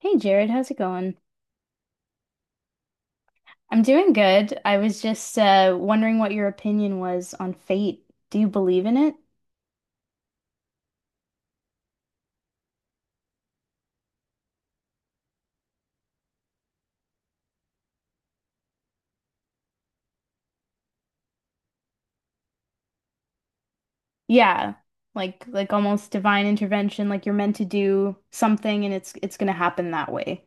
Hey Jared, how's it going? I'm doing good. I was just wondering what your opinion was on fate. Do you believe in it? Yeah, like almost divine intervention, like you're meant to do something and it's gonna happen that way.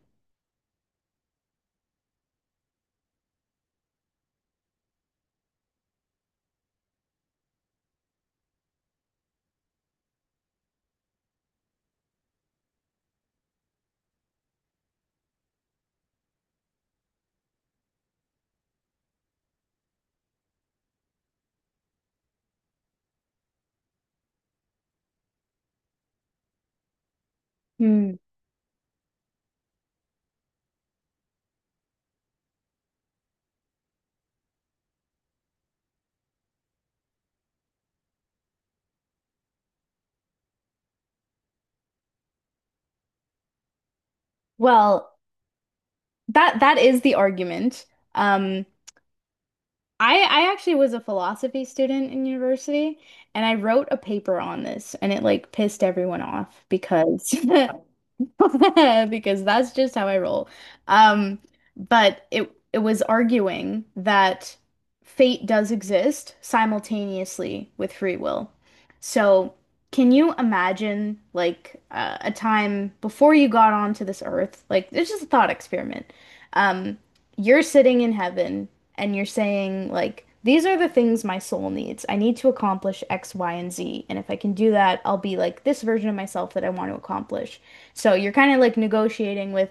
Hmm. Well, that is the argument. Um, I actually was a philosophy student in university and I wrote a paper on this and it like pissed everyone off because because that's just how I roll. Um, but it was arguing that fate does exist simultaneously with free will. So, can you imagine like a time before you got onto this earth? Like, it's just a thought experiment. Um, you're sitting in heaven and you're saying, like, these are the things my soul needs. I need to accomplish X, Y, and Z. And if I can do that, I'll be like this version of myself that I want to accomplish. So you're kind of like negotiating with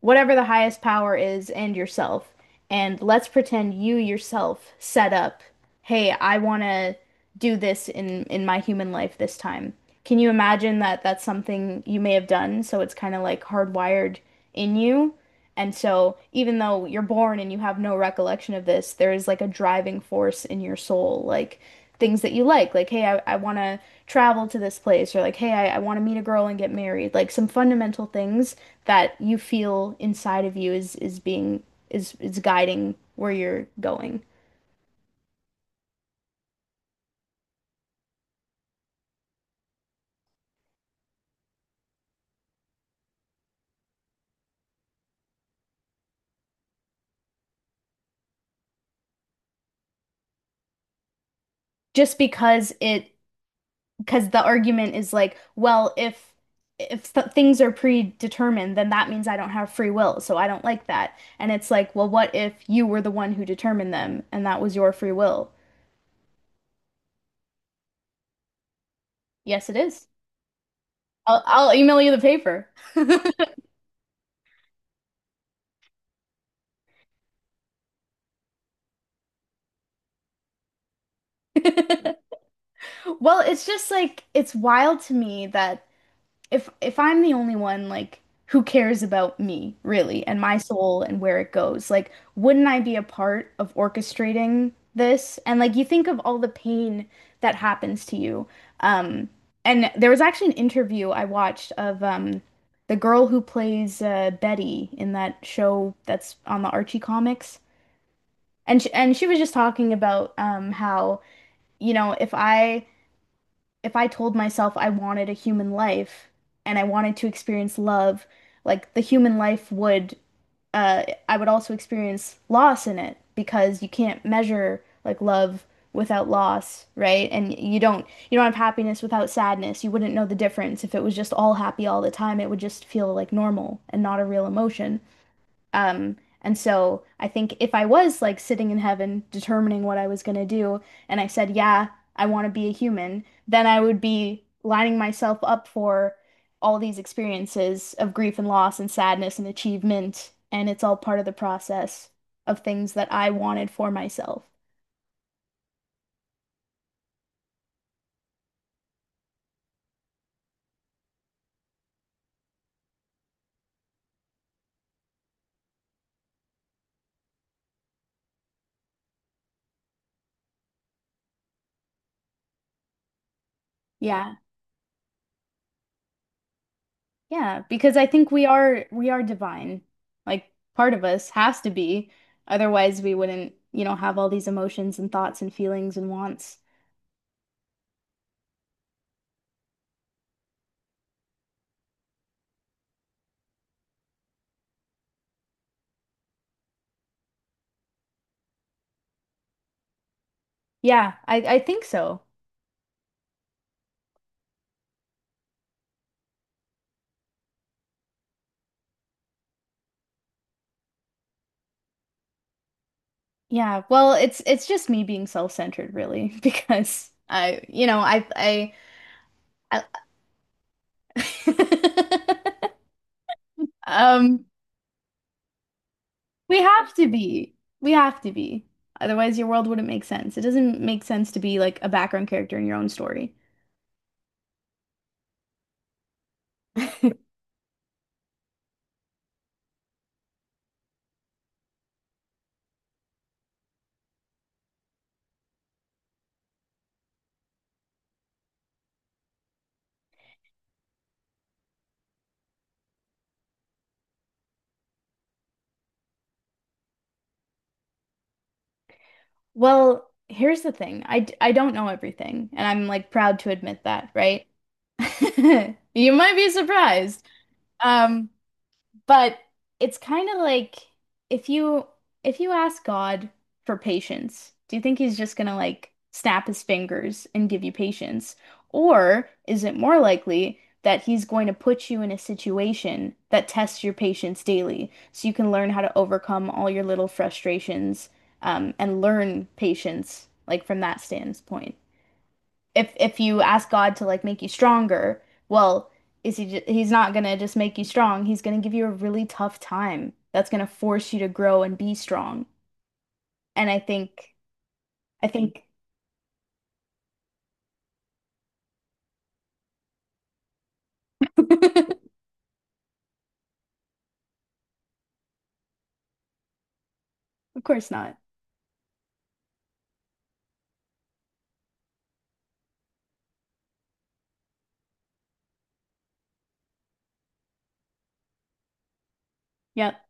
whatever the highest power is and yourself. And let's pretend you yourself set up, hey, I want to do this in my human life this time. Can you imagine that that's something you may have done? So it's kind of like hardwired in you. And so even though you're born and you have no recollection of this, there is like a driving force in your soul, like things that you like, hey, I want to travel to this place, or like, hey, I want to meet a girl and get married, like some fundamental things that you feel inside of you is being is guiding where you're going. Just because it because the argument is like, well, if th things are predetermined, then that means I don't have free will, so I don't like that. And it's like, well, what if you were the one who determined them and that was your free will? Yes, it is. I'll email you the paper. Well, it's just like it's wild to me that if I'm the only one, like who cares about me, really, and my soul and where it goes? Like, wouldn't I be a part of orchestrating this? And like you think of all the pain that happens to you. Um, and there was actually an interview I watched of the girl who plays Betty in that show that's on the Archie comics. And she was just talking about how, you know, if I told myself I wanted a human life and I wanted to experience love, like the human life would, I would also experience loss in it because you can't measure like love without loss, right? And you don't have happiness without sadness. You wouldn't know the difference if it was just all happy all the time. It would just feel like normal and not a real emotion. And so I think if I was like sitting in heaven determining what I was going to do, and I said, yeah, I want to be a human, then I would be lining myself up for all these experiences of grief and loss and sadness and achievement. And it's all part of the process of things that I wanted for myself. Yeah. Yeah, because I think we are divine. Like part of us has to be. Otherwise we wouldn't, you know, have all these emotions and thoughts and feelings and wants. Yeah, I think so. Yeah, well, it's just me being self-centered really because I, you know, I, um we have to be. We have to be. Otherwise your world wouldn't make sense. It doesn't make sense to be like a background character in your own story. Well, here's the thing. I don't know everything, and I'm like proud to admit that, right? You might be surprised. Um But it's kind of like if you if you ask God for patience, do you think he's just gonna like snap his fingers and give you patience? Or is it more likely that he's going to put you in a situation that tests your patience daily so you can learn how to overcome all your little frustrations and learn patience like from that standpoint? If you ask God to like make you stronger, well, is he he's not gonna just make you strong. He's gonna give you a really tough time that's gonna force you to grow and be strong. And I think of course not. Yep.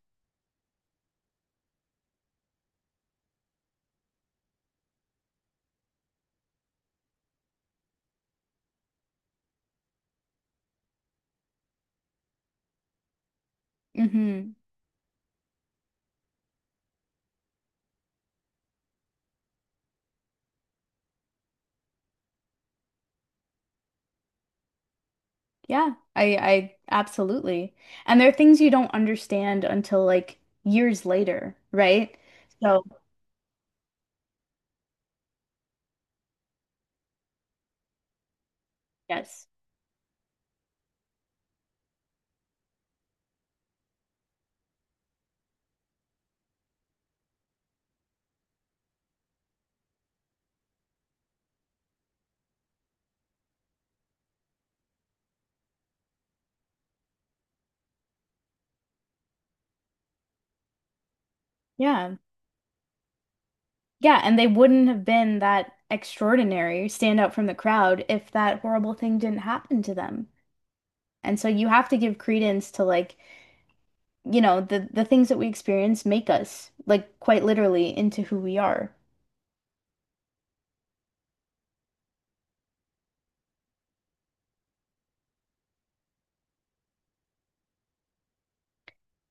Mm-hmm. Yeah. I absolutely. And there are things you don't understand until like years later, right? So, yes. Yeah. Yeah, and they wouldn't have been that extraordinary, stand out from the crowd if that horrible thing didn't happen to them. And so you have to give credence to like, you know, the things that we experience make us like quite literally into who we are.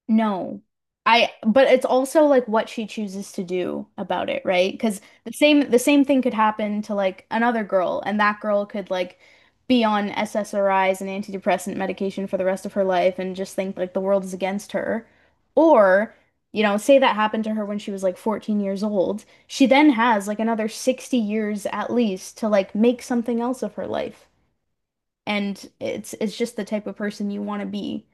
No. I but it's also like what she chooses to do about it, right? Because the same thing could happen to like another girl, and that girl could like be on SSRIs and antidepressant medication for the rest of her life and just think like the world is against her. Or, you know, say that happened to her when she was like 14 years old. She then has like another 60 years at least to like make something else of her life. And it's just the type of person you want to be.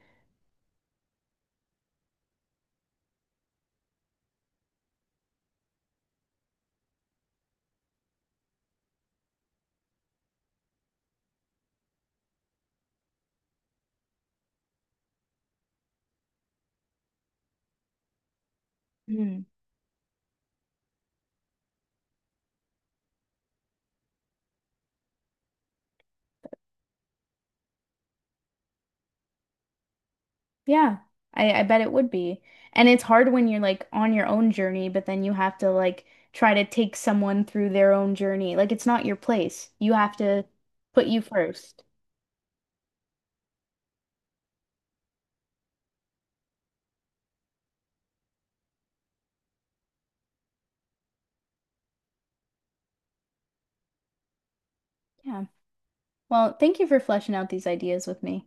Yeah, I bet it would be. And it's hard when you're like on your own journey, but then you have to like try to take someone through their own journey. Like it's not your place. You have to put you first. Yeah. Well, thank you for fleshing out these ideas with me.